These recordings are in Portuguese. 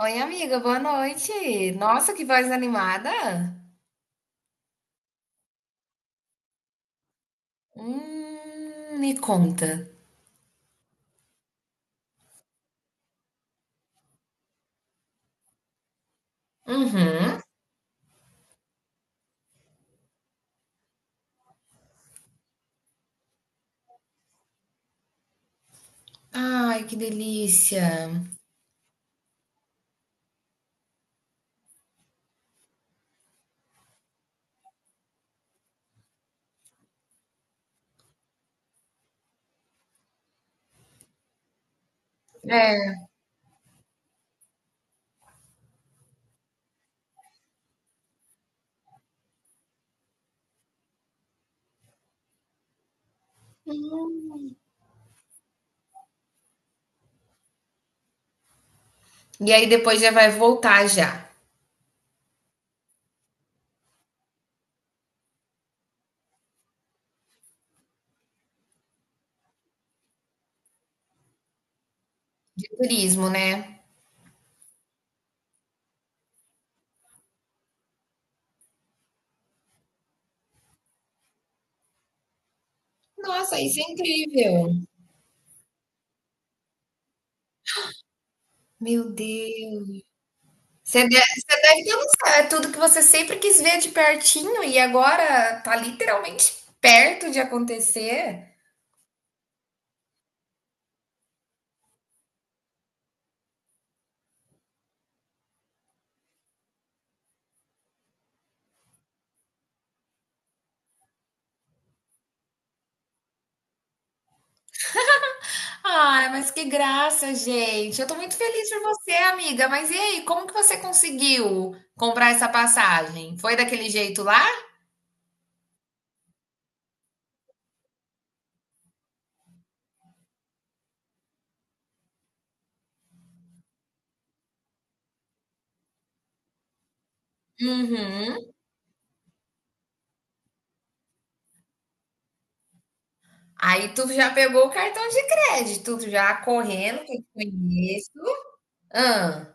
Oi, amiga, boa noite. Nossa, que voz animada. Me conta. Uhum. Ai, que delícia. É. E aí depois já vai voltar já. De turismo, né? Nossa, isso é incrível. Meu Deus. Você deve ter um- é tudo que você sempre quis ver de pertinho e agora tá literalmente perto de acontecer. Ai, mas que graça, gente. Eu tô muito feliz por você, amiga. Mas e aí, como que você conseguiu comprar essa passagem? Foi daquele jeito lá? Uhum. Aí tu já pegou o cartão de crédito, tu já correndo, que eu te conheço. Ah,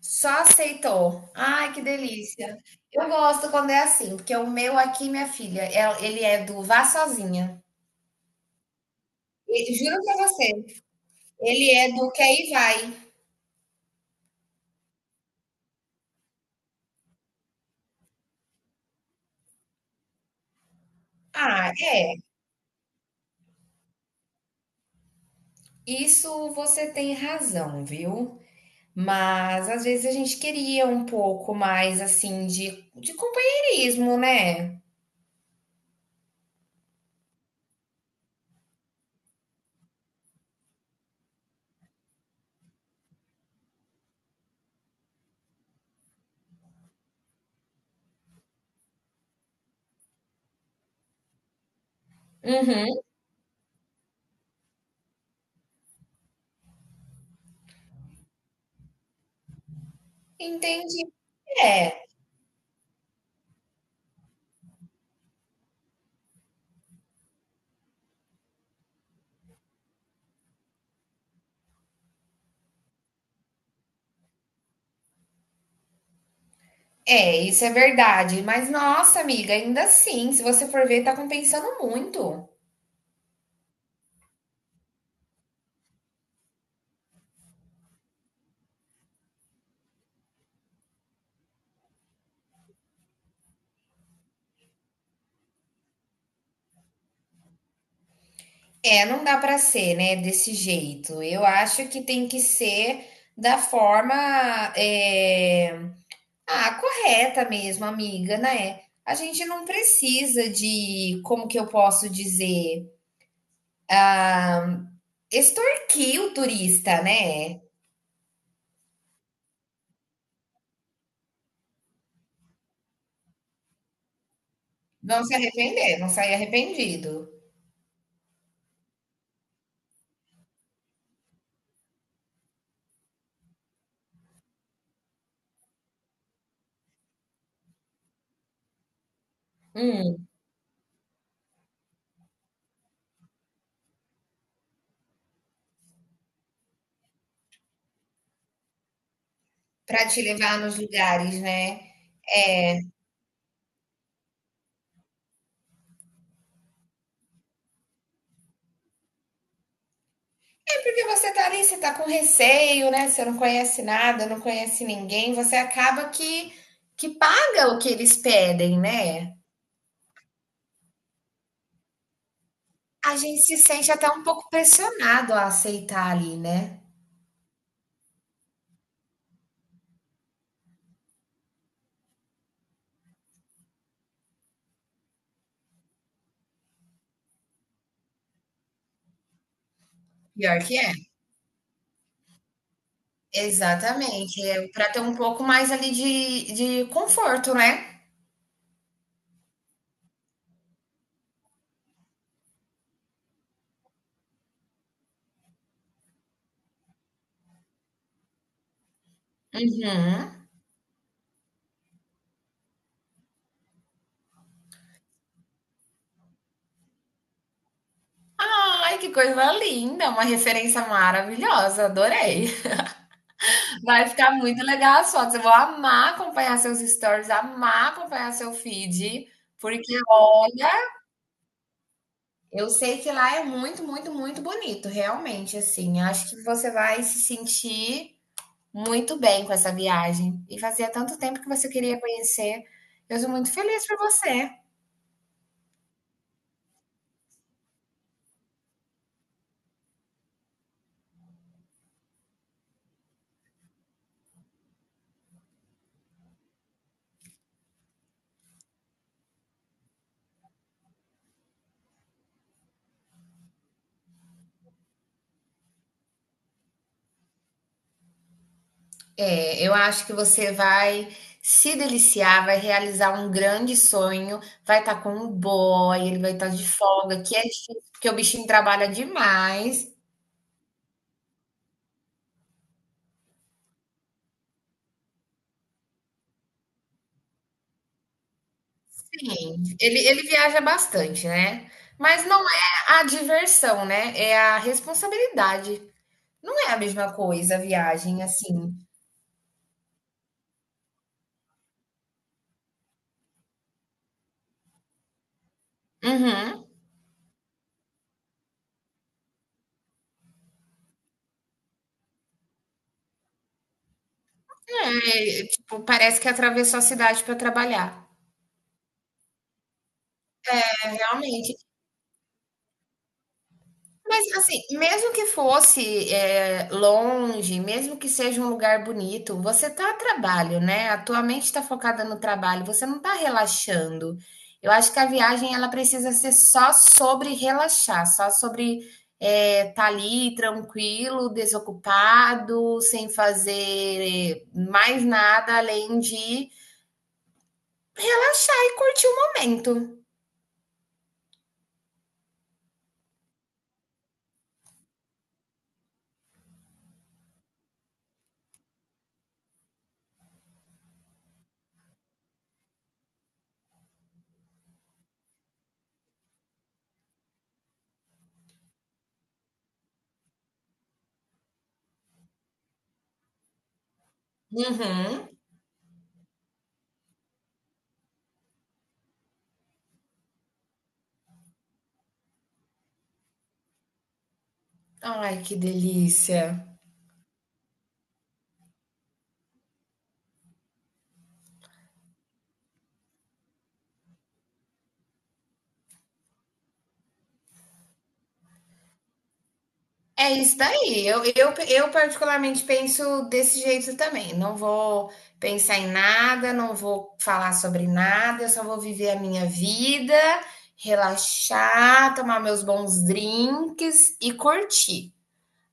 só aceitou. Ai, que delícia. Eu gosto quando é assim, porque o meu aqui, minha filha, é- ele é do vá sozinha. E- juro pra você, ele é do quer e vai. Ah, é. Isso você tem razão, viu? Mas às vezes a gente queria um pouco mais assim de companheirismo, né? Uhum, entendi. É, isso é verdade. Mas nossa, amiga, ainda assim, se você for ver, tá compensando muito. É, não dá pra ser, né, desse jeito. Eu acho que tem que ser da forma, é, ah, correta mesmo, amiga, né? A gente não precisa de, como que eu posso dizer, extorquir o turista, né? Não se arrepender, não sair arrependido. Hum, para te levar nos lugares, né? É porque você tá ali, você tá com receio, né? Você não conhece nada, não conhece ninguém, você acaba que paga o que eles pedem, né? A gente se sente até um pouco pressionado a aceitar ali, né? Pior que é. Exatamente, é pra ter um pouco mais ali de conforto, né. Uhum. Ai, que coisa linda, uma referência maravilhosa, adorei. Vai ficar muito legal as fotos, eu vou amar acompanhar seus stories, amar acompanhar seu feed, porque olha, eu sei que lá é muito, muito, muito bonito, realmente, assim, acho que você vai se sentir muito bem com essa viagem, e fazia tanto tempo que você queria conhecer, eu sou muito feliz por você. É, eu acho que você vai se deliciar, vai realizar um grande sonho, vai estar com um boy, ele vai estar de folga, que é difícil, porque o bichinho trabalha demais. Sim, ele viaja bastante, né? Mas não é a diversão, né? É a responsabilidade. Não é a mesma coisa a viagem, assim. Uhum. É, tipo, parece que atravessou a cidade para trabalhar. Realmente. Mas assim, mesmo que fosse, longe, mesmo que seja um lugar bonito, você tá a trabalho, né, a tua mente tá focada no trabalho, você não tá relaxando. Eu acho que a viagem ela precisa ser só sobre relaxar, só sobre, tá ali tranquilo, desocupado, sem fazer mais nada além de relaxar e curtir o momento. Uhum. Ai, que delícia. É isso daí. Eu particularmente penso desse jeito também. Não vou pensar em nada, não vou falar sobre nada, eu só vou viver a minha vida, relaxar, tomar meus bons drinks e curtir.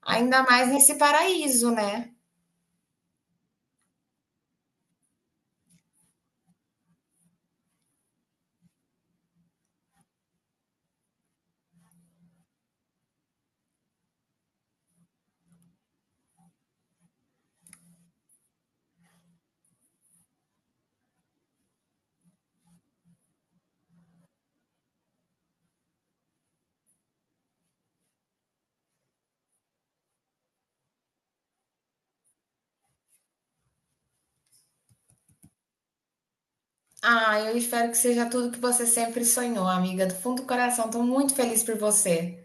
Ainda mais nesse paraíso, né? Ah, eu espero que seja tudo que você sempre sonhou, amiga. Do fundo do coração, estou muito feliz por você.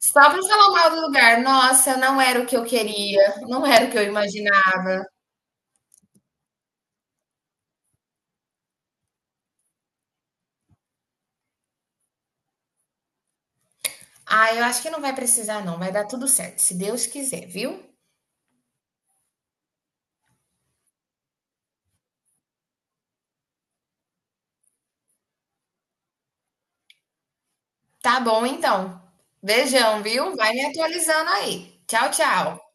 Só para falar mal do lugar, nossa, não era o que eu queria, não era o que eu imaginava. Ah, eu acho que não vai precisar, não. Vai dar tudo certo, se Deus quiser, viu? Tá bom, então. Beijão, viu? Vai me atualizando aí. Tchau, tchau.